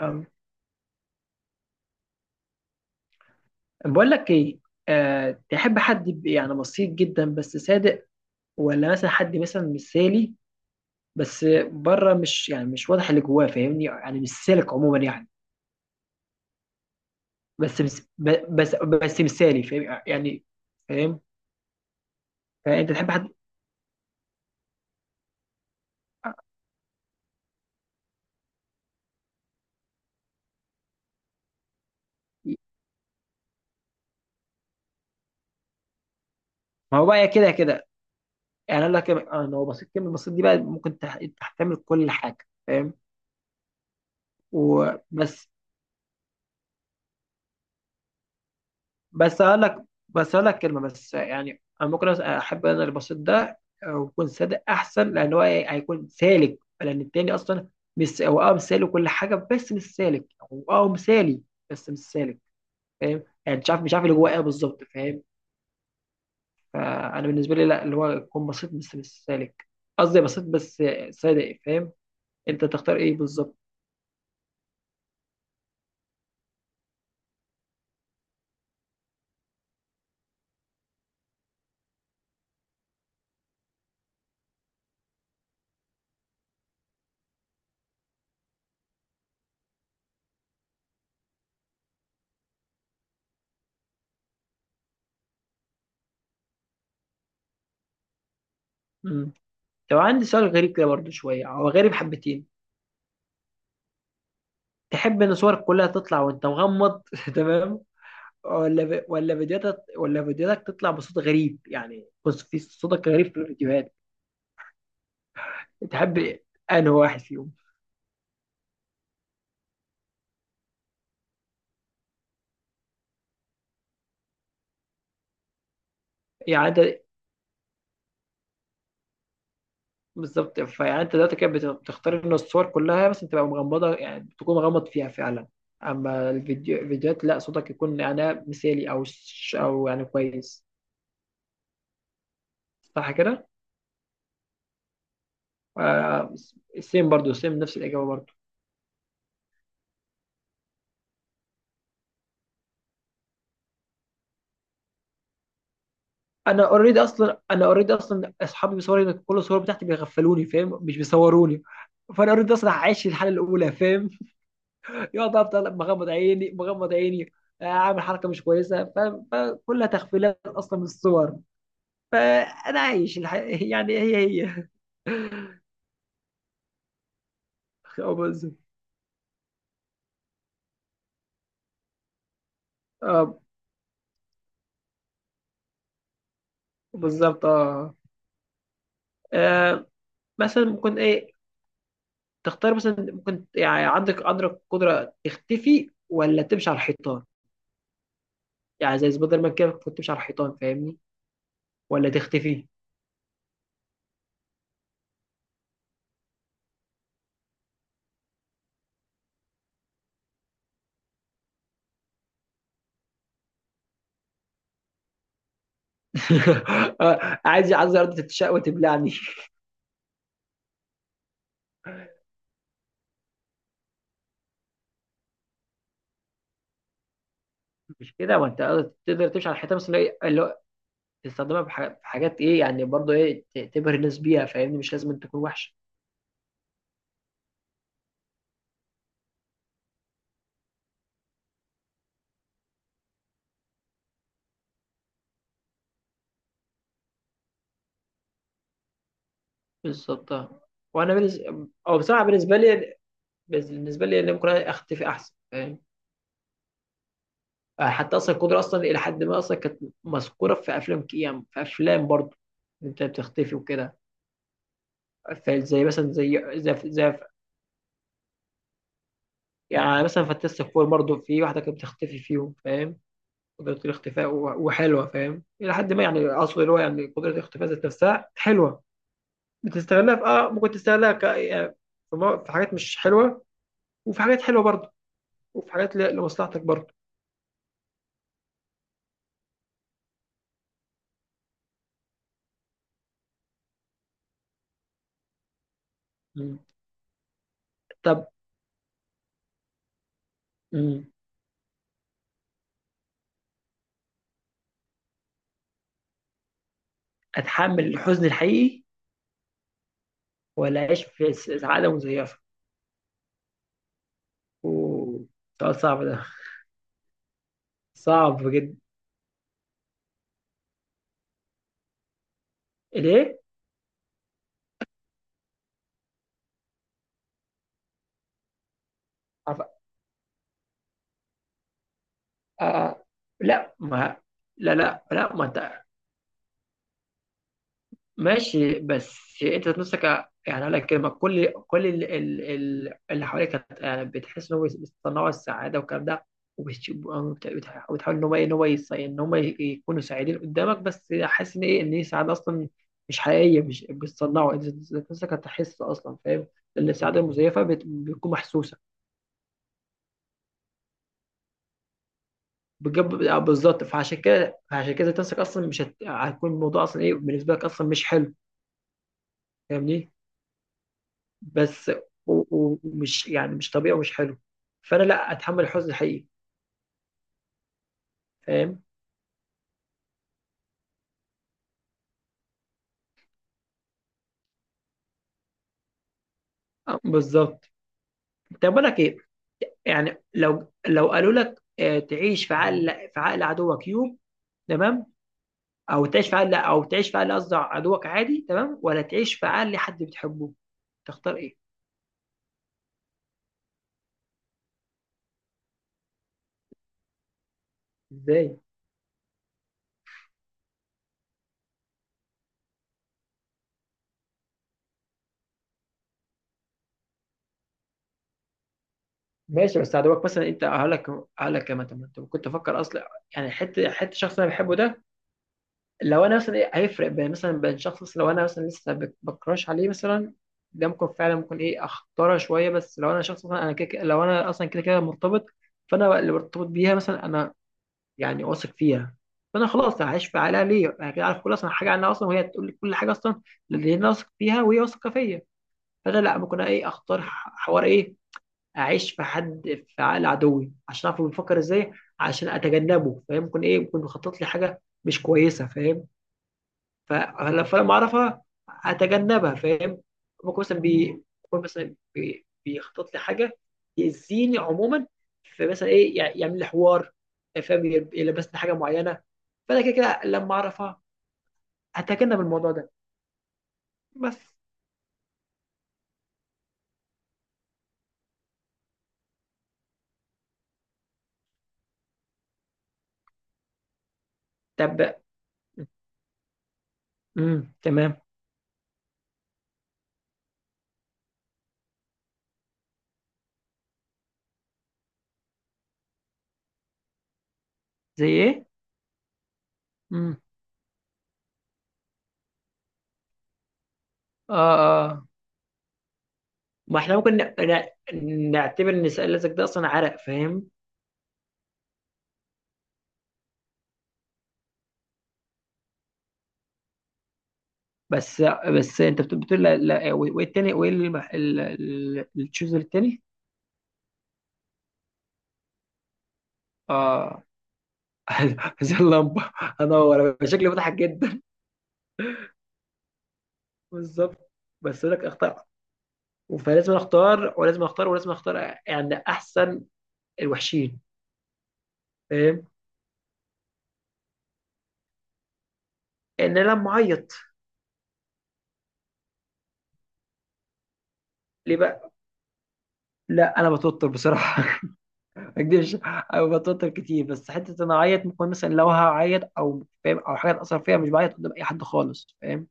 أم. بقول لك ايه؟ تحب حد يبقى يعني بسيط جدا بس صادق، ولا مثلا حد مثلا مثالي؟ بس بره مش يعني مش واضح اللي جواه، فاهمني؟ يعني مش سالك عموما يعني. بس بس بس مثالي، فاهم يعني؟ فاهم. فانت تحب حد؟ ما هو بقى كده كده. يعني اقول لك إيه، ان هو بسيط، كلمه بسيط دي بقى ممكن تحتمل كل حاجه، فاهم؟ وبس هقول لك، بس هقول لك كلمه بس. يعني انا ممكن احب انا البسيط ده ويكون صادق، احسن. لان هو هيكون سالك، لان التاني اصلا مش هو اه مثالي وكل حاجه بس مش سالك. هو اه مثالي بس مش سالك. فاهم يعني؟ مش عارف اللي جواه ايه بالظبط، فاهم؟ فانا بالنسبه لي لا، اللي هو يكون بسيط بس مش سالك، قصدي بسيط بس صادق، فاهم؟ انت تختار ايه بالظبط؟ مم. لو عندي سؤال غريب كده برضه شويه، هو غريب حبتين. تحب ان صورك كلها تطلع وانت مغمض تمام، ولا فيديوهاتك تطلع بصوت غريب؟ يعني بص، في صوتك غريب في الفيديوهات. تحب انهي واحد فيهم؟ يعني انت بالظبط، فيعني انت دلوقتي كده بتختار ان الصور كلها بس تبقى مغمضه، يعني تكون مغمض فيها فعلا. اما الفيديو، الفيديوهات لا، صوتك يكون يعني مثالي او يعني كويس. صح كده؟ آه... سيم برضو، سيم نفس الاجابه برضو. انا اوريدي اصلا انا اوريدي اصلا اصحابي بيصوروا كل الصور بتاعتي، بيغفلوني، فاهم؟ مش بيصوروني. فانا اوريدي اصلا عايش الحاله الاولى، فاهم؟ يقعد افضل مغمض عيني. اعمل حركه مش كويسه، فاهم؟ فكلها تغفيلات اصلا من الصور. فانا عايش يعني هي. اه بالظبط. اه بالظبط اه. آه، مثلا ممكن ايه؟ تختار مثلا ممكن، يعني عندك قدره تختفي ولا تمشي على الحيطان؟ يعني زي سبايدر مان كده، كنت تمشي على الحيطان، فاهمني؟ ولا تختفي؟ عايز ارض تتشق وتبلعني. مش كده، ما انت تقدر تمشي على الحيطه، بس اللي هو تستخدمها في حاجات ايه يعني، برضه ايه تبهر الناس بيها، فاهمني؟ مش لازم تكون وحشه. بالظبط آه. وانا بالنسبه او بصراحه، بالنسبه لي ان ممكن اختفي احسن، فاهم؟ حتى اصلا القدره اصلا الى حد ما اصلا كانت مذكوره في افلام، كيام في افلام برضه، إن انت بتختفي وكده. ف- زي مثلا زي يعني مثلا فانتاستيك فور برضه، في واحده كانت بتختفي فيهم، فاهم؟ قدرة الاختفاء وحلوة، فاهم؟ إلى حد ما، يعني أقصد اللي هو يعني قدرة الاختفاء ذات نفسها حلوة. بتستغلها في آه ممكن تستغلها يعني في في حاجات مش حلوة، وفي حاجات حلوة برضه، وفي حاجات لمصلحتك برضه. مم. طب. مم. أتحمل الحزن الحقيقي ولا أعيش سعادة مزيفة؟ أوه، سؤال صعب ده. صعب جدا. ليه؟ عف- آه... لا ما، لا ما أنت. ماشي، بس انت ذات نفسك، يعني اقول لك كلمه، كل اللي حواليك يعني بتحس ان هو بيصنعوا السعاده والكلام ده، وبتحاول ان هو ايه، ان هو ان هم يكونوا سعيدين قدامك، بس حاسس ان ايه، ان هي سعاده اصلا مش حقيقيه، مش بتصنعوا، انت ذات نفسك هتحس اصلا، فاهم؟ لان السعاده المزيفه بتكون محسوسه. بتجيب بالظبط. فعشان كده ذات نفسك اصلا مش هت... هيكون الموضوع اصلا ايه بالنسبه لك اصلا مش حلو، فاهمني؟ بس و- ومش يعني مش طبيعي ومش حلو. فانا لا اتحمل الحزن الحقيقي، فاهم؟ بالظبط. طب بقول لك ايه، يعني لو قالوا لك تعيش في عقل عدوك يوم، تمام، او تعيش في عقل لا، او تعيش في عقل، قصدي عدوك عادي تمام، ولا تعيش في عقل حد بتحبه، تختار ايه؟ ازاي؟ ماشي، بس عدوك مثلا، انت هقول لك كمان، طب ما انت كنت افكر اصلا، يعني حته شخص انا بحبه ده، لو انا مثلا إيه، هيفرق بين مثلا بين شخص مثلاً، لو انا مثلا لسه بكراش عليه مثلا، ده ممكن فعلا ممكن ايه اختاره شويه، بس لو انا شخص مثلا انا كده كده- لو انا اصلا كده كده مرتبط، فانا اللي مرتبط بيها مثلا انا، يعني واثق فيها، فانا خلاص هعيش في عليها ليه؟ انا كده عارف كل اصلا حاجه عنها اصلا، وهي تقول لي كل حاجه اصلا، اللي انا واثق فيها وهي واثقه فيا. فانا لا، ممكن أنا ايه، اختار حوار ايه، اعيش في حد، في عقل عدوي عشان اعرف هو بيفكر ازاي، عشان اتجنبه، فاهم؟ ممكن ايه، ممكن يخطط لي حاجه مش كويسه، فاهم؟ فلما اعرفها اتجنبها، فاهم؟ ممكن مثلا بي... بيخطط لي حاجه يأذيني عموما، فمثلا ايه يعمل لي حوار، فاهم؟ يلبسني حاجه معينه، فانا كده كده لما اعرفها اتجنب الموضوع ده بس. طب، تمام. زي ايه؟ امم. اه. اه ما احنا ممكن نعتبر ان سؤالك ده اصلا عرق، فاهم؟ بس، بتقول لا وايه التاني، وايه التشوز التاني؟ اه زي اللمبه، هنور أنا، شكلي مضحك جدا. بالظبط. بس لك اختار، فلازم اختار ولازم اختار. يعني احسن الوحشين، فاهم؟ ان انا معيط ليه بقى؟ لا انا بتوتر بصراحه ما اكدبش. انا بتوتر كتير، بس حته ان انا اعيط، ممكن مثلا لو هعيط او فاهم او حاجه تاثر فيها، مش بعيط قدام اي حد خالص، فاهم؟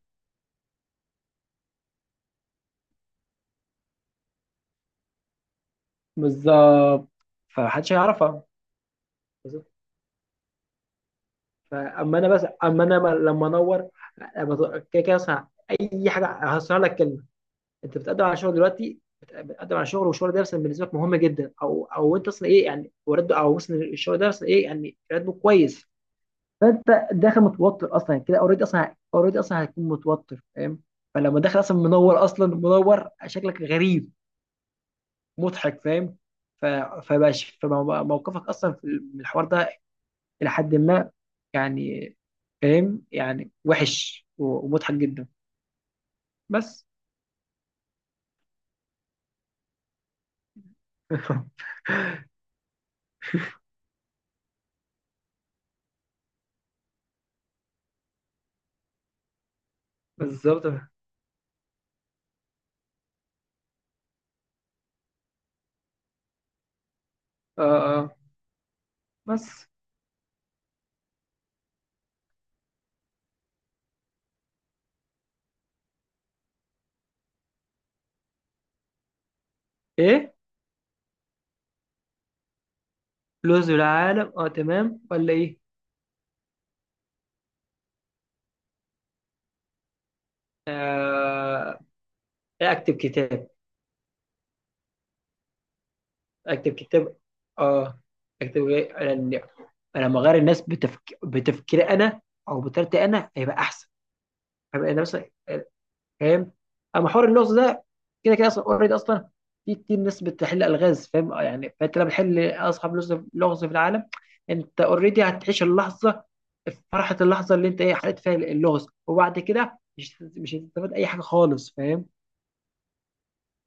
بالظبط، فمحدش هيعرفها. فاما انا بس، اما انا لما انور، لما كده كده مثلا اي حاجه، هسهل لك كلمه. انت بتقدم على شغل دلوقتي، بتقدم على شغل، والشغل ده مثلا بالنسبه لك مهم جدا، او انت اصلا ايه يعني ورد، او مثلا الشغل ده مثلا ايه يعني راتبه كويس. فانت داخل متوتر اصلا كده، اوريدي اصلا، اوريدي اصلا هتكون متوتر، فاهم؟ فلما داخل اصلا منور، اصلا منور شكلك غريب، مضحك، فاهم؟ ف- فموقفك اصلا في الحوار ده، إلى حد ما، يعني فاهم يعني وحش ومضحك جدا، بس. بالظبط اه. اه بس ايه، لوز العالم اه، تمام ولا ايه؟ إيه، اكتب كتاب. اكتب كتاب اه. اكتب ايه انا، أنا لما اغير الناس بتفكيري انا، او بطريقتي انا، هيبقى احسن، هيبقى انا مثلا، فاهم؟ اما حوار اللغز ده، كده كده اصلا اوريدي اصلا في كتير ناس بتحل الغاز، فاهم يعني؟ فانت لما بتحل اصعب لغز في العالم، انت اوريدي هتعيش اللحظه، فرحه اللحظه اللي انت ايه حليت فيها اللغز، وبعد كده مش هتستفاد اي حاجه خالص، فاهم؟